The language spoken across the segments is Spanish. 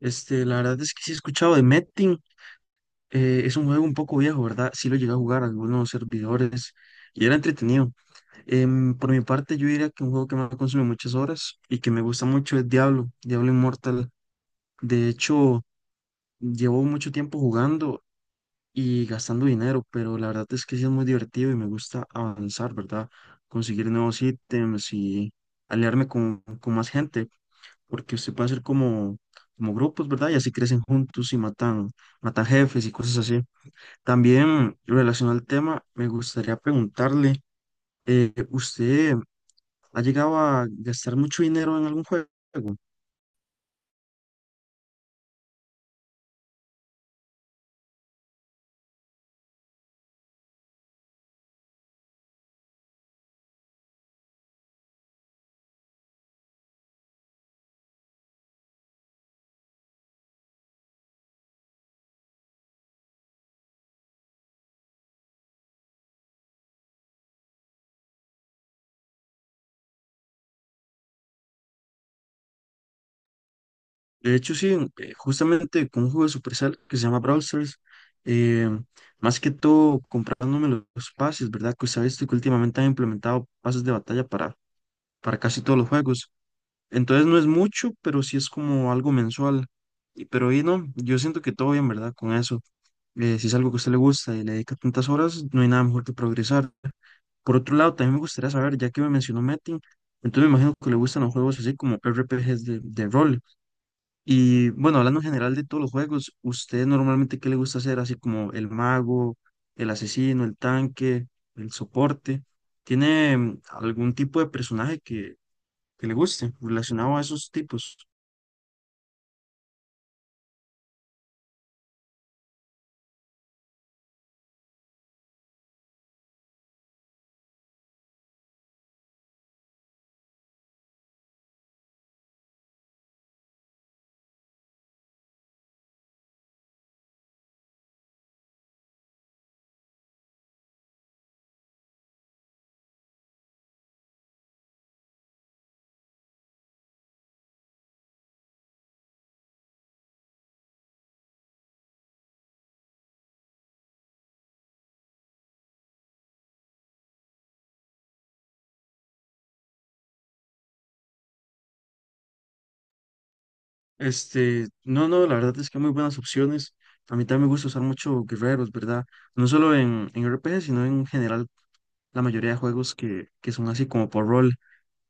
La verdad es que sí he escuchado de Metin. Es un juego un poco viejo, ¿verdad? Sí lo llegué a jugar a algunos servidores y era entretenido. Por mi parte, yo diría que un juego que me ha consumido muchas horas y que me gusta mucho es Diablo, Diablo Immortal. De hecho, llevo mucho tiempo jugando y gastando dinero, pero la verdad es que sí es muy divertido y me gusta avanzar, ¿verdad? Conseguir nuevos ítems y aliarme con más gente porque usted puede hacer como, como grupos, ¿verdad? Y así crecen juntos y matan, matan jefes y cosas así. También relacionado al tema, me gustaría preguntarle, ¿usted ha llegado a gastar mucho dinero en algún juego? De hecho, sí, justamente con un juego de Supercell que se llama Brawl Stars, eh, más que todo comprándome los pases, ¿verdad? Que usted ha visto que últimamente han implementado pases de batalla para casi todos los juegos. Entonces no es mucho, pero sí es como algo mensual. Pero ahí no, yo siento que todo bien, ¿verdad? Con eso. Si es algo que a usted le gusta y le dedica tantas horas, no hay nada mejor que progresar. Por otro lado, también me gustaría saber, ya que me mencionó Metin, entonces me imagino que le gustan los juegos así como RPGs de rol. Y bueno, hablando en general de todos los juegos, ¿usted normalmente qué le gusta hacer? Así como el mago, el asesino, el tanque, el soporte. ¿Tiene algún tipo de personaje que le guste relacionado a esos tipos? Este, no, no, la verdad es que hay muy buenas opciones. A mí también me gusta usar mucho guerreros, ¿verdad? No solo en RPG, sino en general la mayoría de juegos que son así como por rol.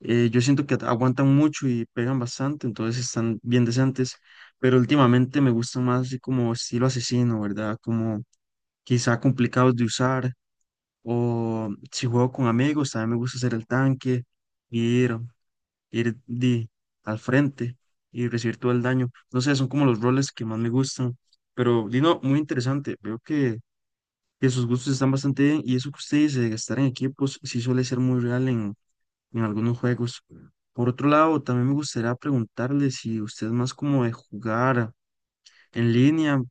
Yo siento que aguantan mucho y pegan bastante, entonces están bien decentes, pero últimamente me gustan más así como estilo asesino, ¿verdad? Como quizá complicados de usar, o si juego con amigos, también me gusta hacer el tanque, ir ir di, al frente y recibir todo el daño. No sé, son como los roles que más me gustan. Pero, Dino, muy interesante. Veo que sus gustos están bastante bien y eso que usted dice de estar en equipos sí suele ser muy real en algunos juegos. Por otro lado, también me gustaría preguntarle si usted es más como de jugar en línea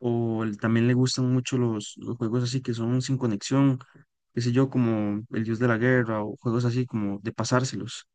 o también le gustan mucho los juegos así que son sin conexión, qué sé yo, como El Dios de la Guerra o juegos así como de pasárselos.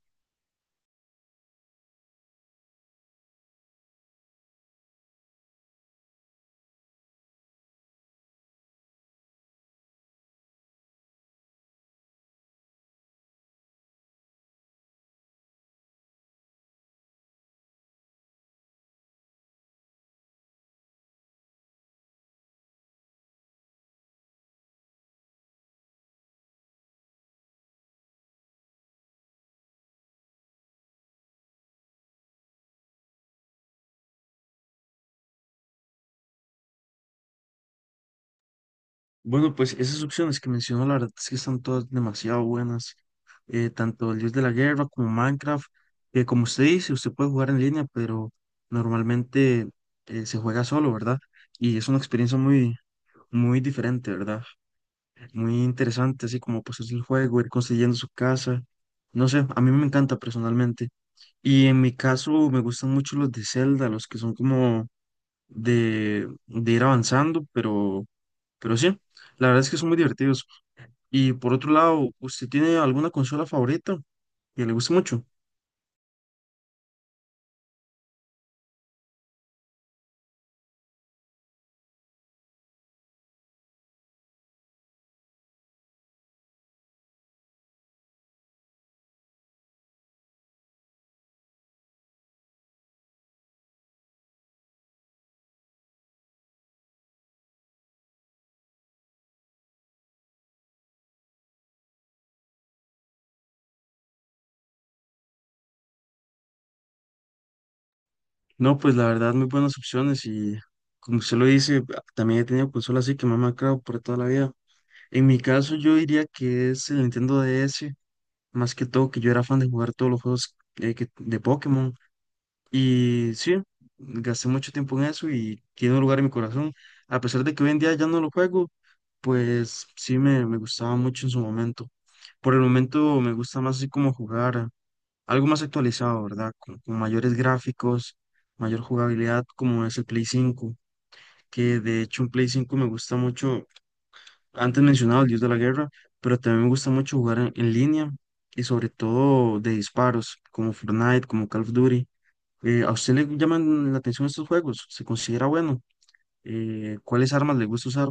Bueno, pues esas opciones que mencionó, la verdad es que están todas demasiado buenas. Tanto el Dios de la Guerra como Minecraft, que como usted dice, usted puede jugar en línea, pero normalmente se juega solo, ¿verdad? Y es una experiencia muy, muy diferente, ¿verdad? Muy interesante, así como pues es el juego, ir construyendo su casa. No sé, a mí me encanta personalmente. Y en mi caso me gustan mucho los de Zelda, los que son como de ir avanzando, pero sí, la verdad es que son muy divertidos. Y por otro lado, ¿usted tiene alguna consola favorita que le guste mucho? No, pues la verdad, muy buenas opciones y como usted lo dice, también he tenido consolas así que me han marcado por toda la vida. En mi caso, yo diría que es el Nintendo DS, más que todo que yo era fan de jugar todos los juegos de Pokémon. Y sí, gasté mucho tiempo en eso y tiene un lugar en mi corazón. A pesar de que hoy en día ya no lo juego, pues sí me gustaba mucho en su momento. Por el momento me gusta más así como jugar algo más actualizado, ¿verdad? Con mayores gráficos, mayor jugabilidad, como es el Play cinco, que de hecho un Play cinco me gusta mucho, antes mencionaba el Dios de la Guerra, pero también me gusta mucho jugar en línea y sobre todo de disparos, como Fortnite, como Call of Duty. ¿A usted le llaman la atención estos juegos? ¿Se considera bueno? ¿Cuáles armas le gusta usar?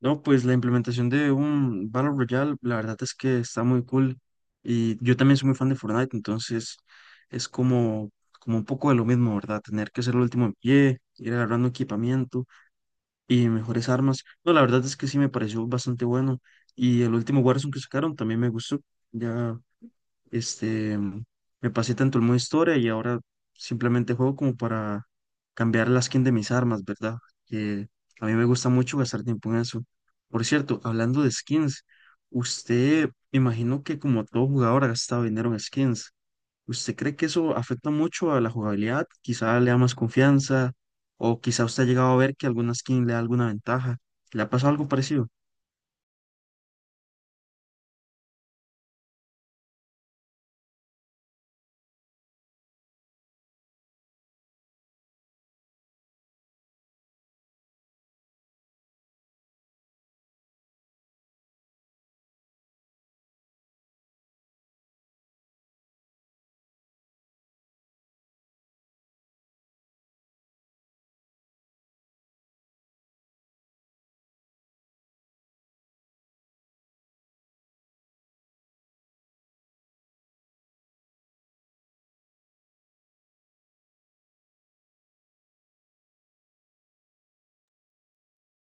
No, pues la implementación de un Battle Royale, la verdad es que está muy cool. Y yo también soy muy fan de Fortnite, entonces es como, como un poco de lo mismo, ¿verdad? Tener que ser el último en pie, ir agarrando equipamiento y mejores armas. No, la verdad es que sí me pareció bastante bueno. Y el último Warzone que sacaron también me gustó. Ya este, mm, me pasé tanto el modo historia y ahora simplemente juego como para cambiar la skin de mis armas, ¿verdad? Que a mí me gusta mucho gastar tiempo en eso. Por cierto, hablando de skins, usted, me imagino que como todo jugador ha gastado dinero en skins. ¿Usted cree que eso afecta mucho a la jugabilidad? Quizá le da más confianza o quizá usted ha llegado a ver que alguna skin le da alguna ventaja. ¿Le ha pasado algo parecido?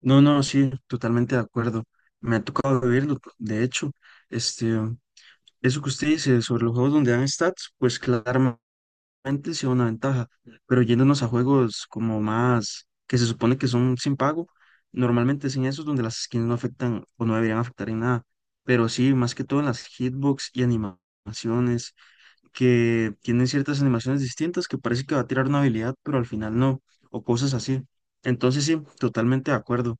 No, no, sí, totalmente de acuerdo. Me ha tocado vivirlo, de hecho. Este, Eso que usted dice sobre los juegos donde dan stats, pues claramente sea una ventaja, pero yéndonos a juegos como más que se supone que son sin pago, normalmente es en esos donde las skins no afectan o no deberían afectar en nada, pero sí, más que todo en las hitbox y animaciones, que tienen ciertas animaciones distintas que parece que va a tirar una habilidad, pero al final no, o cosas así. Entonces sí, totalmente de acuerdo.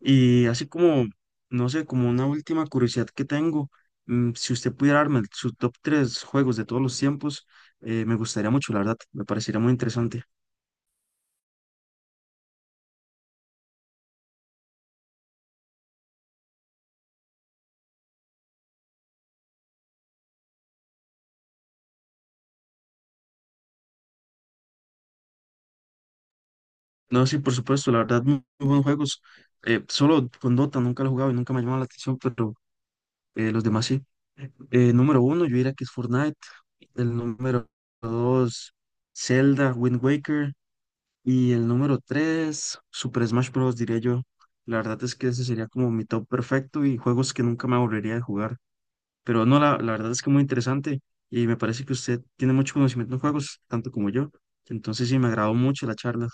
Y así como, no sé, como una última curiosidad que tengo, si usted pudiera darme su top 3 juegos de todos los tiempos, me gustaría mucho, la verdad, me parecería muy interesante. No, sí, por supuesto, la verdad, muy, muy buenos juegos. Solo con Dota nunca lo he jugado y nunca me ha llamado la atención, pero los demás sí. Número uno, yo diría que es Fortnite. El número dos, Zelda, Wind Waker. Y el número 3 Super Smash Bros. Diría yo. La verdad es que ese sería como mi top perfecto y juegos que nunca me aburriría de jugar. Pero no, la verdad es que muy interesante y me parece que usted tiene mucho conocimiento en juegos, tanto como yo. Entonces sí, me agradó mucho la charla.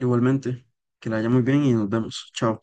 Igualmente, que la haya muy bien y nos vemos. Chao.